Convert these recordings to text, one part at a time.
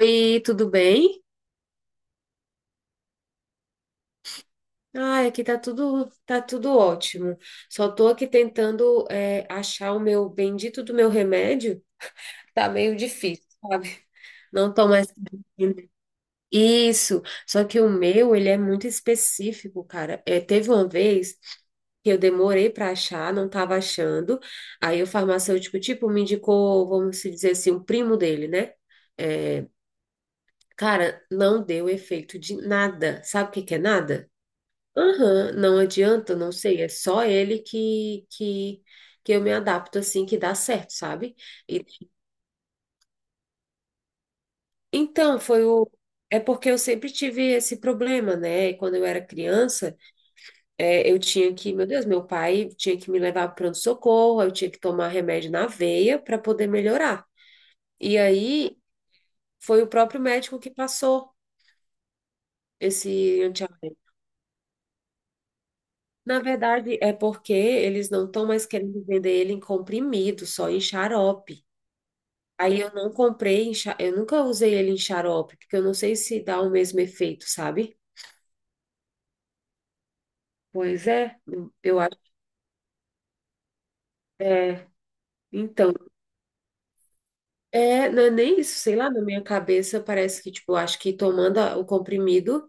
Oi, tudo bem? Ai, aqui tá tudo ótimo. Só tô aqui tentando achar o meu bendito do meu remédio. Tá meio difícil, sabe? Não tô mais conseguindo. Isso. Só que o meu, ele é muito específico, cara. Teve uma vez que eu demorei para achar, não estava achando. Aí o farmacêutico, tipo, me indicou, vamos se dizer assim, um primo dele, né? É, cara, não deu efeito de nada. Sabe o que que é nada? Aham, não adianta, não sei, é só ele que eu me adapto assim, que dá certo, sabe? E- então, foi o. É porque eu sempre tive esse problema, né? E quando eu era criança, eu tinha que, meu Deus, meu pai tinha que me levar para pronto-socorro, eu tinha que tomar remédio na veia para poder melhorar. E aí foi o próprio médico que passou esse antialérgico. Na verdade, é porque eles não estão mais querendo vender ele em comprimido, só em xarope. Aí eu não comprei, eu nunca usei ele em xarope, porque eu não sei se dá o mesmo efeito, sabe? Pois é, eu acho. É, então, não é nem isso, sei lá, na minha cabeça parece que, tipo, eu acho que o comprimido,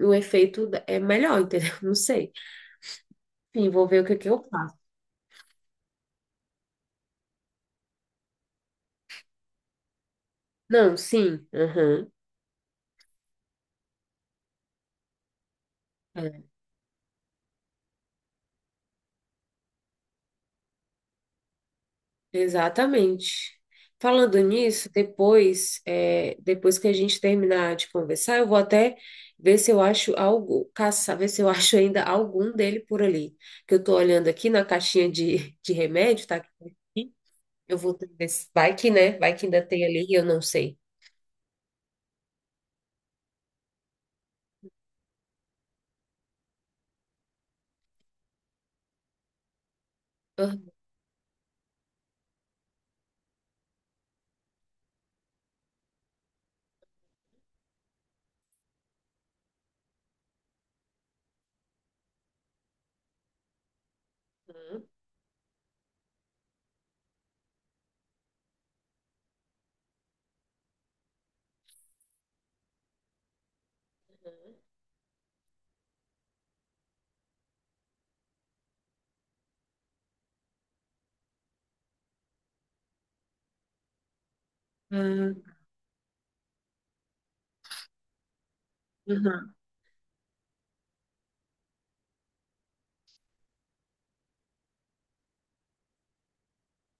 o é melhor, entendeu? Não sei. Enfim, vou ver o que que eu faço. Não, sim, aham. É. Exatamente. Falando nisso, depois, depois que a gente terminar de conversar, eu vou até ver se eu acho algo, caçar, ver se eu acho ainda algum dele por ali. Que eu tô olhando aqui na caixinha de remédio, tá? Eu vou ver se vai que, né? Vai que ainda tem ali, eu não sei. Aham, aham, aham.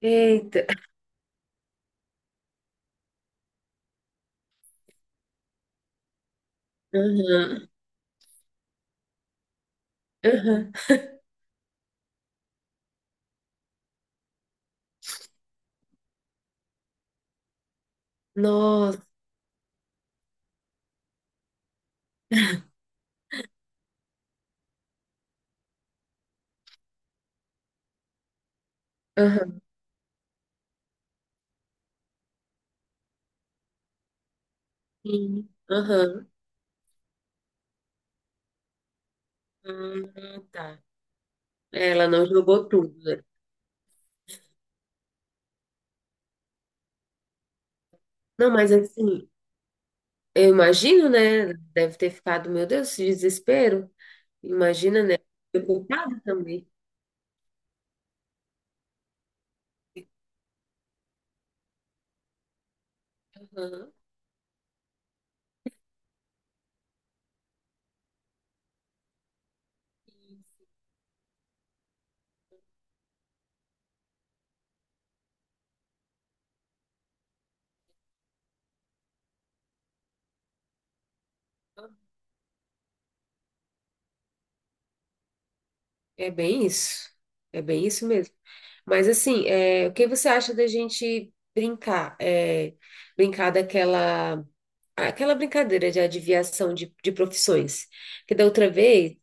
Eita. Aham, aham. Nossa. Aham. Sim. Aham. Ah, tá. Ela não jogou tudo, né? Não, mas assim, eu imagino, né? Deve ter ficado, meu Deus, esse desespero. Imagina, né? Preocupada também. Aham. É bem isso. É bem isso mesmo. Mas assim, é, o que você acha da gente brincar? É, brincar daquela aquela brincadeira de adivinhação de profissões. Que da outra vez,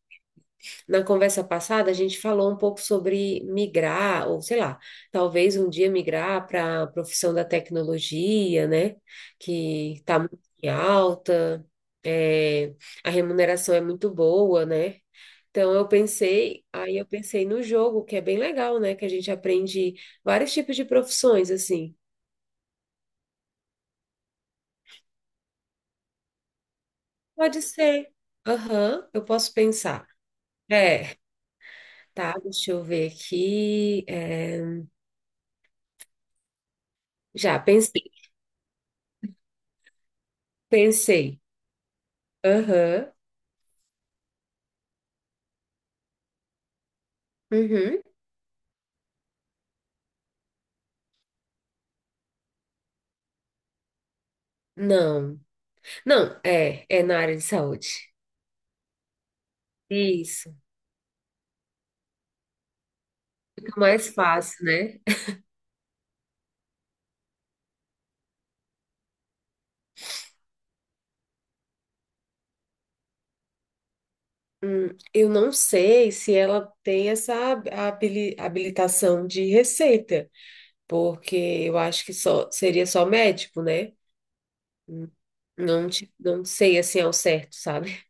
na conversa passada, a gente falou um pouco sobre migrar, ou sei lá, talvez um dia migrar para a profissão da tecnologia, né? Que está muito em alta, é, a remuneração é muito boa, né? Então eu pensei, aí eu pensei no jogo, que é bem legal, né? Que a gente aprende vários tipos de profissões, assim. Pode ser. Aham, eu posso pensar. É, tá, deixa eu ver aqui. Já pensei, pensei. Aham. Uhum. Não. Não, é na área de saúde. Isso. Fica mais fácil, né? Hum, eu não sei se ela tem essa habilitação de receita, porque eu acho que só seria só médico, né? Hum, não sei assim ao certo, sabe?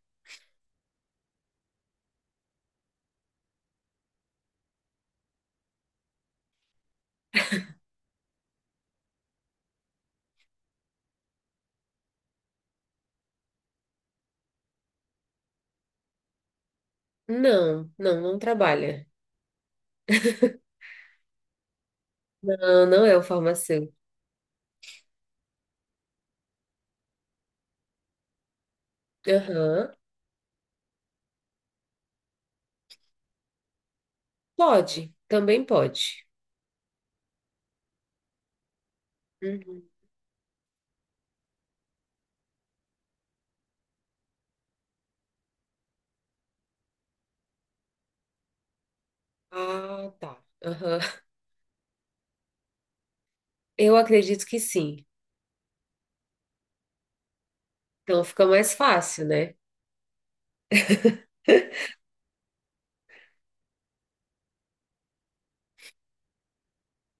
Não, não, não trabalha. Não, não é o farmacêutico. Aham. Pode, também pode. Uhum. Ah, tá. Aham. Eu acredito que sim. Então fica mais fácil, né?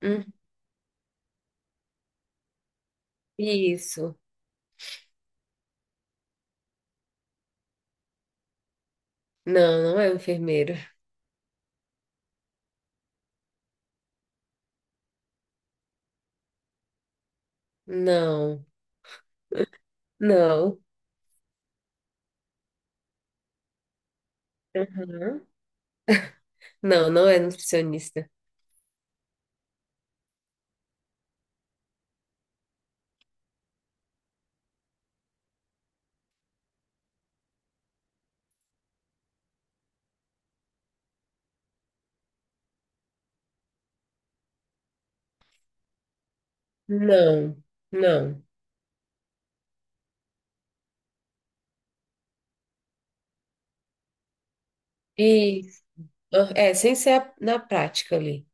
Hum, isso. Não, não é um enfermeiro. Não, não. Aham. Não, não é nutricionista. Não, não. Isso. Ah, sem ser na prática ali.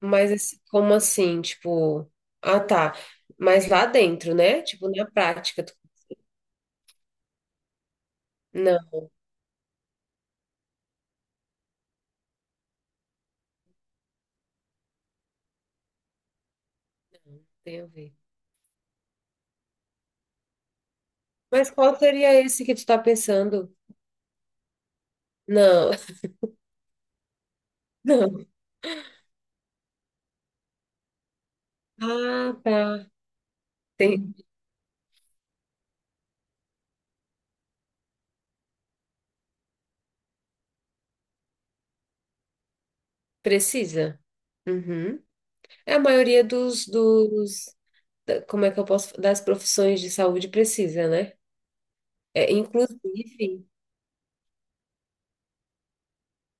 Mas assim, como assim? Tipo, ah, tá. Mas lá dentro, né? Tipo, na prática. Tu- não, tem a ver. Mas qual seria esse que tu tá pensando? Não. Não. Ah, tá. Tem, precisa. Uhum. É a maioria dos como é que eu posso, das profissões de saúde precisa, né? É, inclusive,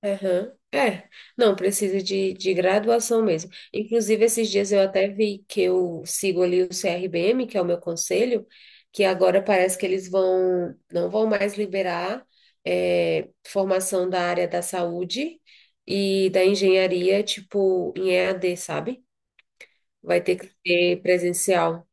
aham. É, não, precisa de graduação mesmo. Inclusive, esses dias eu até vi que eu sigo ali o CRBM, que é o meu conselho, que agora parece que eles vão, não vão mais liberar formação da área da saúde e da engenharia, tipo, em EAD, sabe? Vai ter que ser presencial.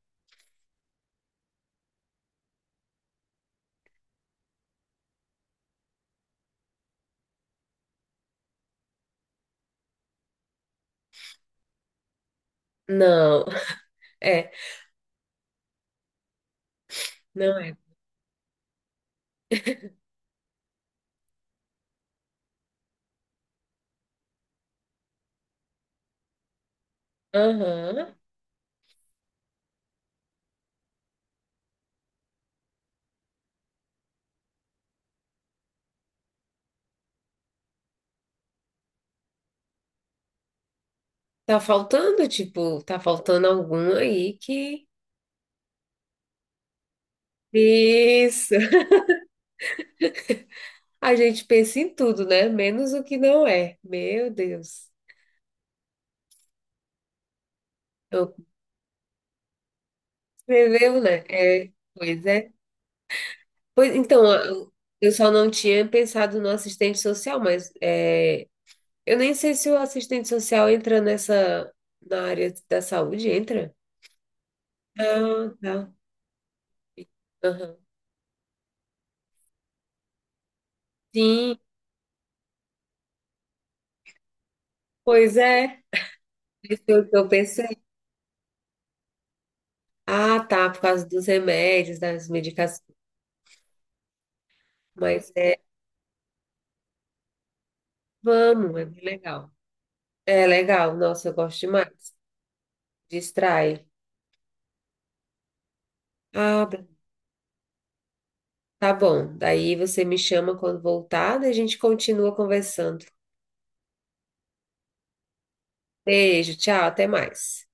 Não, é, não é. Aham. Tá faltando, tipo, tá faltando algum aí que. Isso. A gente pensa em tudo, né? Menos o que não é. Meu Deus. Eu escreveu, né? É. Pois, então, eu só não tinha pensado no assistente social, mas é, eu nem sei se o assistente social entra nessa, na área da saúde, entra? Ah, tá. Aham. Sim, pois é. Isso é o que eu pensei. Ah, tá, por causa dos remédios, das medicações. Mas é, vamos, é bem legal. É legal, nossa, eu gosto demais. Distrai. Ah, tá bom. Daí você me chama quando voltar, daí a gente continua conversando. Beijo, tchau, até mais.